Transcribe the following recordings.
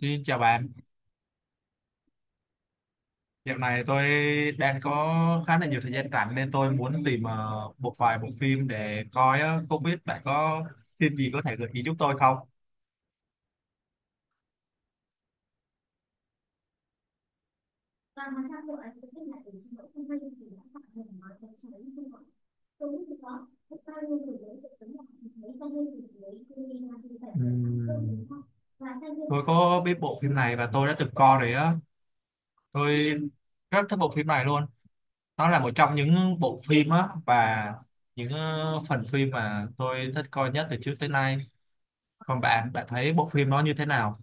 Xin chào bạn, dạo này tôi đang có khá là nhiều thời gian rảnh nên tôi muốn tìm một vài bộ phim để coi á. Không biết bạn có phim gì có thể gợi ý giúp tôi không? Ừm, Tôi có biết bộ phim này và tôi đã từng coi rồi á. Tôi rất thích bộ phim này luôn. Nó là một trong những bộ phim á và những phần phim mà tôi thích coi nhất từ trước tới nay. Còn bạn, bạn thấy bộ phim nó như thế nào?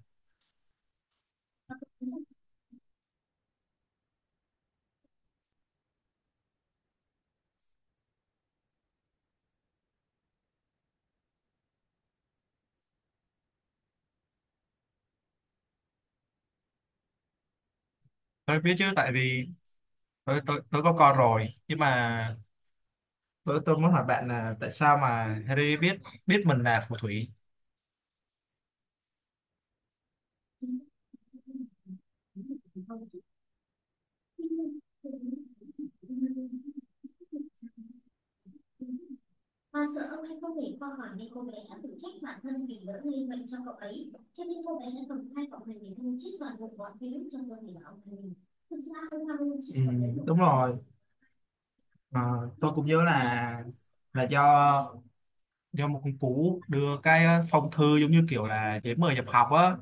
Tôi biết chứ, tại vì tôi có con rồi, nhưng mà tôi muốn hỏi bạn là tại sao mà Harry biết biết mình là phù thủy. Ừ, đúng rồi. Ờ, tôi cũng nhớ là do một con cú đưa cái phong thư, giống như kiểu là giấy mời nhập học á,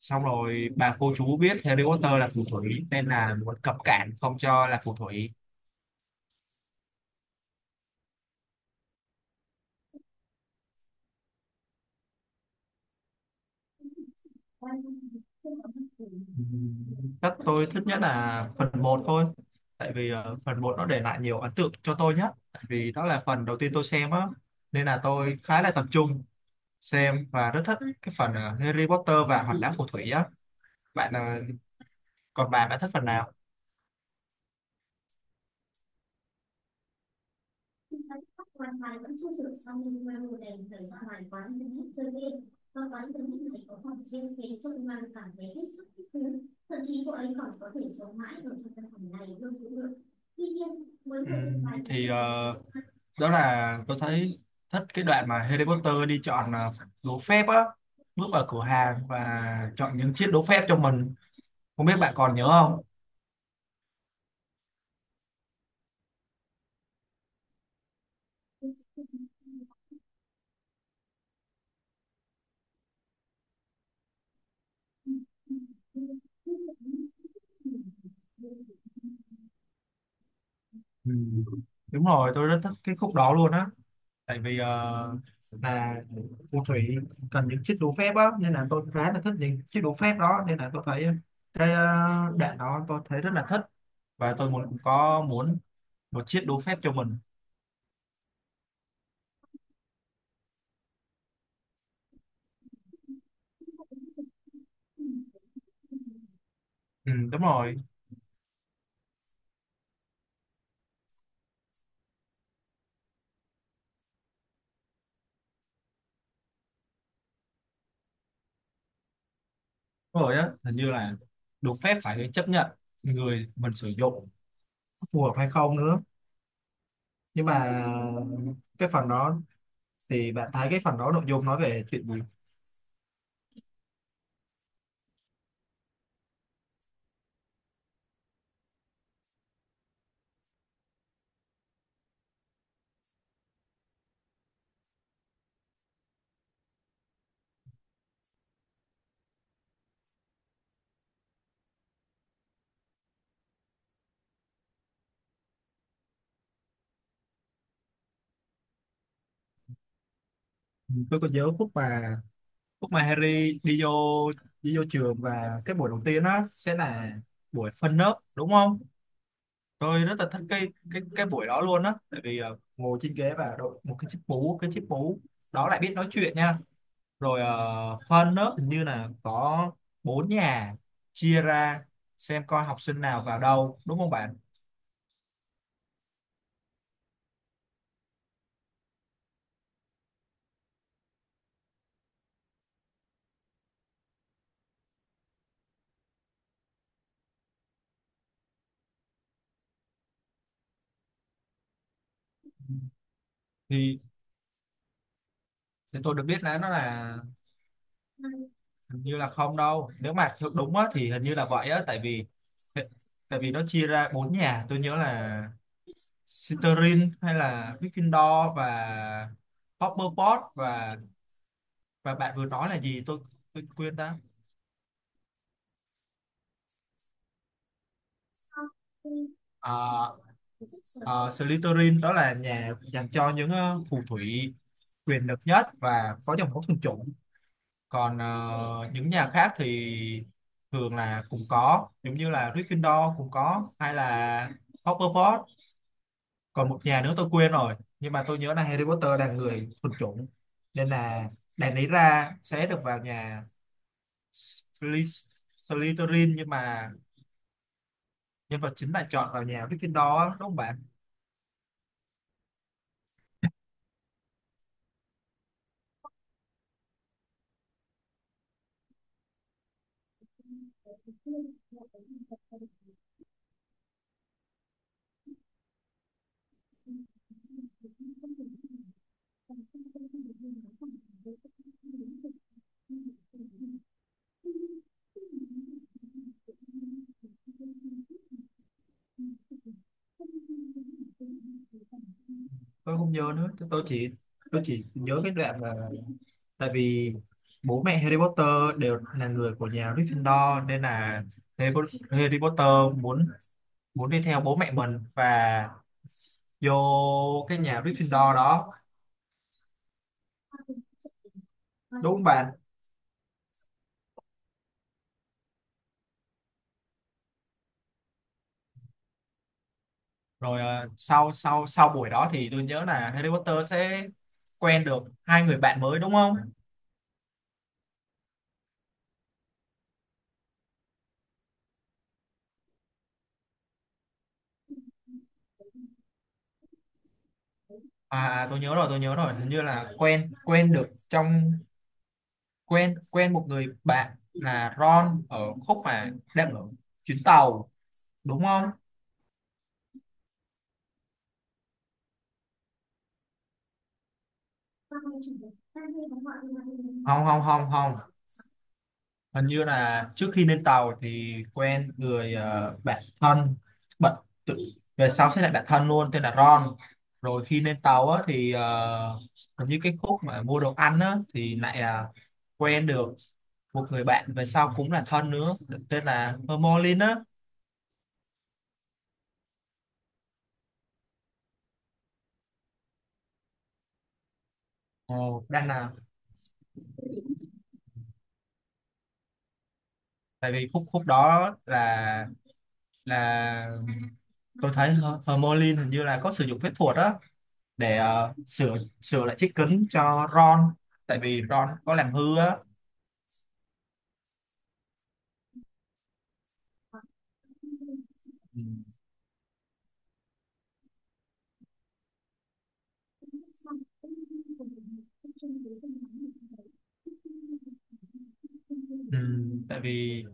xong rồi bà cô chú biết Harry Potter là phù thủy nên là muốn cấm cản không cho là phù thủy. Chắc tôi thích nhất là phần một thôi. Tại vì phần một nó để lại nhiều ấn tượng cho tôi nhất. Tại vì đó là phần đầu tiên tôi xem á. Nên là tôi khá là tập trung xem và rất thích cái phần Harry Potter và Hòn Đá Phù Thủy á. Bạn ờ, Còn bạn, bạn thích phần nào? Thì, đó là tôi thấy thích cái đoạn mà Harry Potter đi chọn đố phép á, bước vào cửa hàng và chọn những chiếc đố phép cho mình. Không biết bạn còn nhớ không? Ừ. Đúng rồi, tôi rất thích cái khúc đó luôn á. Tại vì là phù thủy cần những chiếc đũa phép á, nên là tôi khá là thích những chiếc đũa phép đó, nên là tôi thấy cái đạn đó tôi thấy rất là thích và tôi muốn một chiếc đũa phép cho mình. Ừ, đúng rồi á, hình như là đũa phép phải chấp nhận người mình sử dụng phù hợp hay không nữa. Nhưng mà cái phần đó thì bạn thấy cái phần đó nội dung nói về chuyện gì? Ừ, tôi có nhớ khúc mà lúc mà Harry đi vô trường và cái buổi đầu tiên á sẽ là buổi phân lớp, đúng không? Tôi rất là thích cái buổi đó luôn á, tại vì ngồi trên ghế và đội một cái chiếc mũ, cái chiếc mũ đó lại biết nói chuyện nha. Rồi phân lớp hình như là có bốn nhà, chia ra xem coi học sinh nào vào đâu, đúng không bạn? Thì thì tôi được biết là nó là hình như là không đâu, nếu mà theo đúng á thì hình như là vậy á, tại vì nó chia ra bốn nhà. Tôi nhớ là Slytherin hay là Gryffindor và Hufflepuff, và bạn vừa nói là gì, tôi quên đó. À, à, Slytherin đó là nhà dành cho những phù thủy quyền lực nhất và có dòng máu thuần chủng. Còn những nhà khác thì thường là cũng có, giống như là Gryffindor cũng có, hay là Hufflepuff. Còn một nhà nữa tôi quên rồi. Nhưng mà tôi nhớ là Harry Potter là người thuần chủng, nên là đại lý ra sẽ được vào nhà Sly- Slytherin, nhưng mà nhân vật chính bạn chọn vào nhà Gryffindor đó, đúng không bạn? Tôi không nhớ nữa, tôi chỉ nhớ cái đoạn là tại vì bố mẹ Harry Potter đều là người của nhà Gryffindor, nên là Harry Potter muốn muốn đi theo bố mẹ mình và vô cái nhà Gryffindor đó, đúng không bạn? Rồi sau sau sau buổi đó thì tôi nhớ là Harry Potter sẽ quen được hai người bạn mới, đúng không? À, à tôi nhớ rồi, hình như là quen quen được trong quen quen một người bạn là Ron ở khúc mà đang ở chuyến tàu, đúng không? Không không không không, hình như là trước khi lên tàu thì quen người bạn thân, bận tự về sau sẽ là bạn thân luôn, tên là Ron. Rồi khi lên tàu á thì hình như cái khúc mà mua đồ ăn á thì lại là quen được một người bạn về sau cũng là thân nữa, tên là Hermione á. Ồ, đang là tại vì khúc khúc đó là là tôi thấy Hermione hình như là có sử dụng phép thuật đó để sửa sửa lại chiếc kính cho Ron, tại vì Ron có làm hư á. Ừ. Ừ, tại vì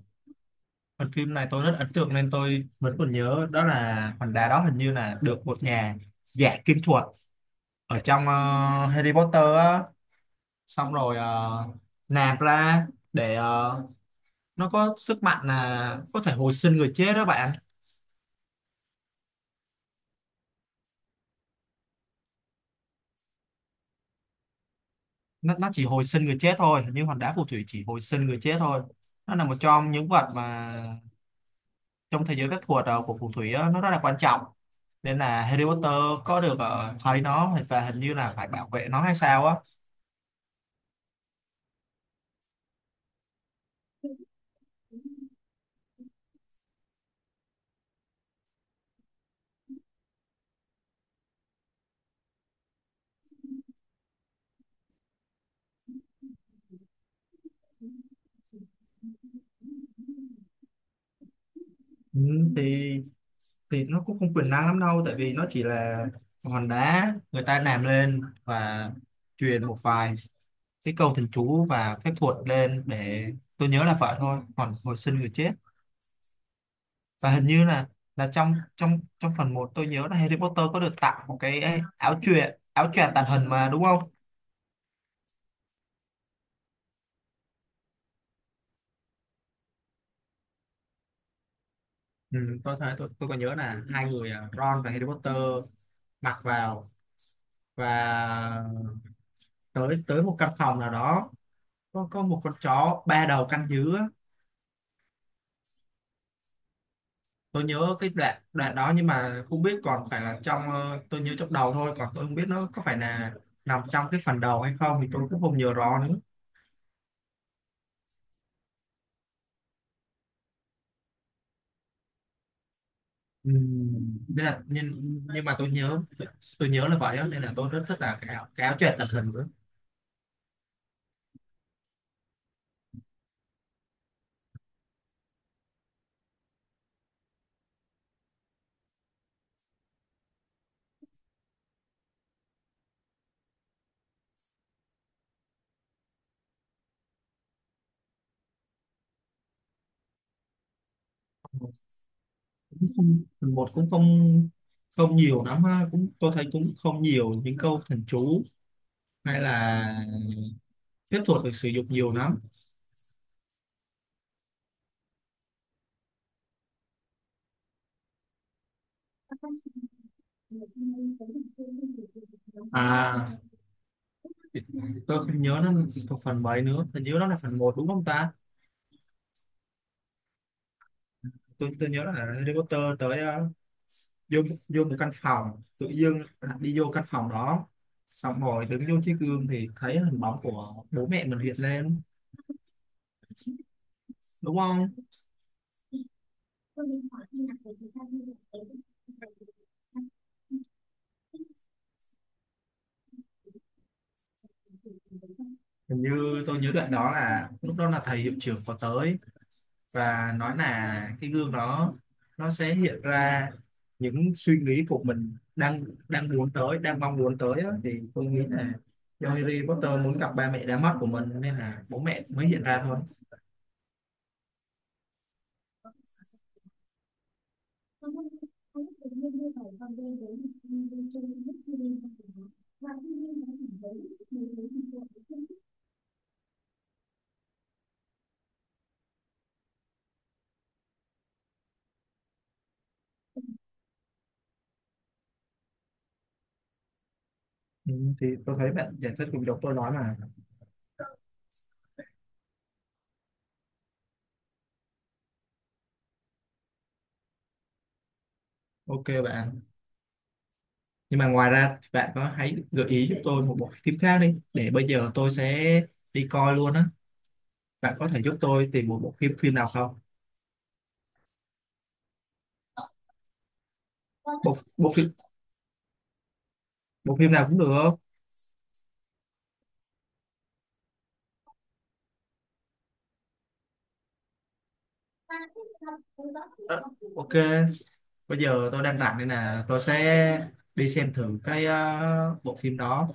phần phim này tôi rất ấn tượng nên tôi vẫn còn nhớ, đó là hòn đá đó hình như là được một nhà giả kim thuật ở trong Harry Potter á, xong rồi nạp ra để nó có sức mạnh là có thể hồi sinh người chết đó bạn. Nó chỉ hồi sinh người chết thôi, nhưng như hòn đá phù thủy chỉ hồi sinh người chết thôi. Nó là một trong những vật mà trong thế giới phép thuật của phù thủy á, nó rất là quan trọng, nên là Harry Potter có được thấy nó và hình như là phải bảo vệ nó hay sao á. Ừ, thì nó cũng không quyền năng lắm đâu, tại vì nó chỉ là hòn đá người ta làm lên và truyền một vài cái câu thần chú và phép thuật lên để tôi nhớ là vậy thôi. Còn hồi sinh người chết và hình như là trong trong trong phần một, tôi nhớ là Harry Potter có được tặng một cái ấy, áo choàng, áo choàng tàng hình mà đúng không? Ừ, tôi thấy, tôi còn nhớ là hai người à, Ron và Harry Potter mặc vào và tới tới một căn phòng nào đó, có một con chó ba đầu canh giữ á. Tôi nhớ cái đoạn đoạn đó nhưng mà không biết còn phải là trong, tôi nhớ trong đầu thôi, còn tôi không biết nó có phải là nằm trong cái phần đầu hay không thì tôi cũng không nhớ rõ nữa. Ừ. Nên là nhưng mà tôi nhớ là vậy đó, nên là tôi rất thích là cái áo choàng tàng hình nữa. Cũng không, phần một cũng không không nhiều lắm ha, cũng tôi thấy cũng không nhiều những câu thần chú hay là phép thuật được sử dụng nhiều lắm. À, tôi không nhớ nó thuộc phần mấy nữa, tôi nhớ nó là phần một đúng không ta? Tôi nhớ là Harry Potter tới vô vô một căn phòng, tự dưng đi vô căn phòng đó, xong rồi đứng vô chiếc gương thì thấy hình bóng của bố mẹ mình hiện lên, đúng không? Hình như tôi nhớ đoạn đó là lúc đó là thầy hiệu trưởng có tới và nói là cái gương đó nó sẽ hiện ra những suy nghĩ của mình đang đang muốn tới, đang mong muốn tới á. Thì tôi nghĩ là do Harry Potter muốn gặp ba mẹ đã mất của mình nên là bố mẹ mới hiện ra thôi. Ừ, thì tôi thấy bạn giải thích cùng dọc tôi nói mà. Ok bạn, nhưng mà ngoài ra thì bạn có hãy gợi ý giúp tôi một bộ phim khác đi, để bây giờ tôi sẽ đi coi luôn á. Bạn có thể giúp tôi tìm một bộ phim phim nào không? Bộ phim bộ phim nào cũng được không? Ờ, ok, bây giờ tôi đang rảnh nên là tôi sẽ đi xem thử cái bộ phim đó.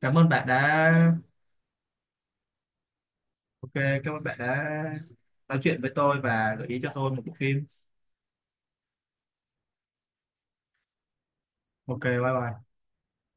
Cảm ơn bạn đã, ok cảm ơn bạn đã nói chuyện với tôi và gợi ý cho tôi một bộ phim. Ok, bye bye.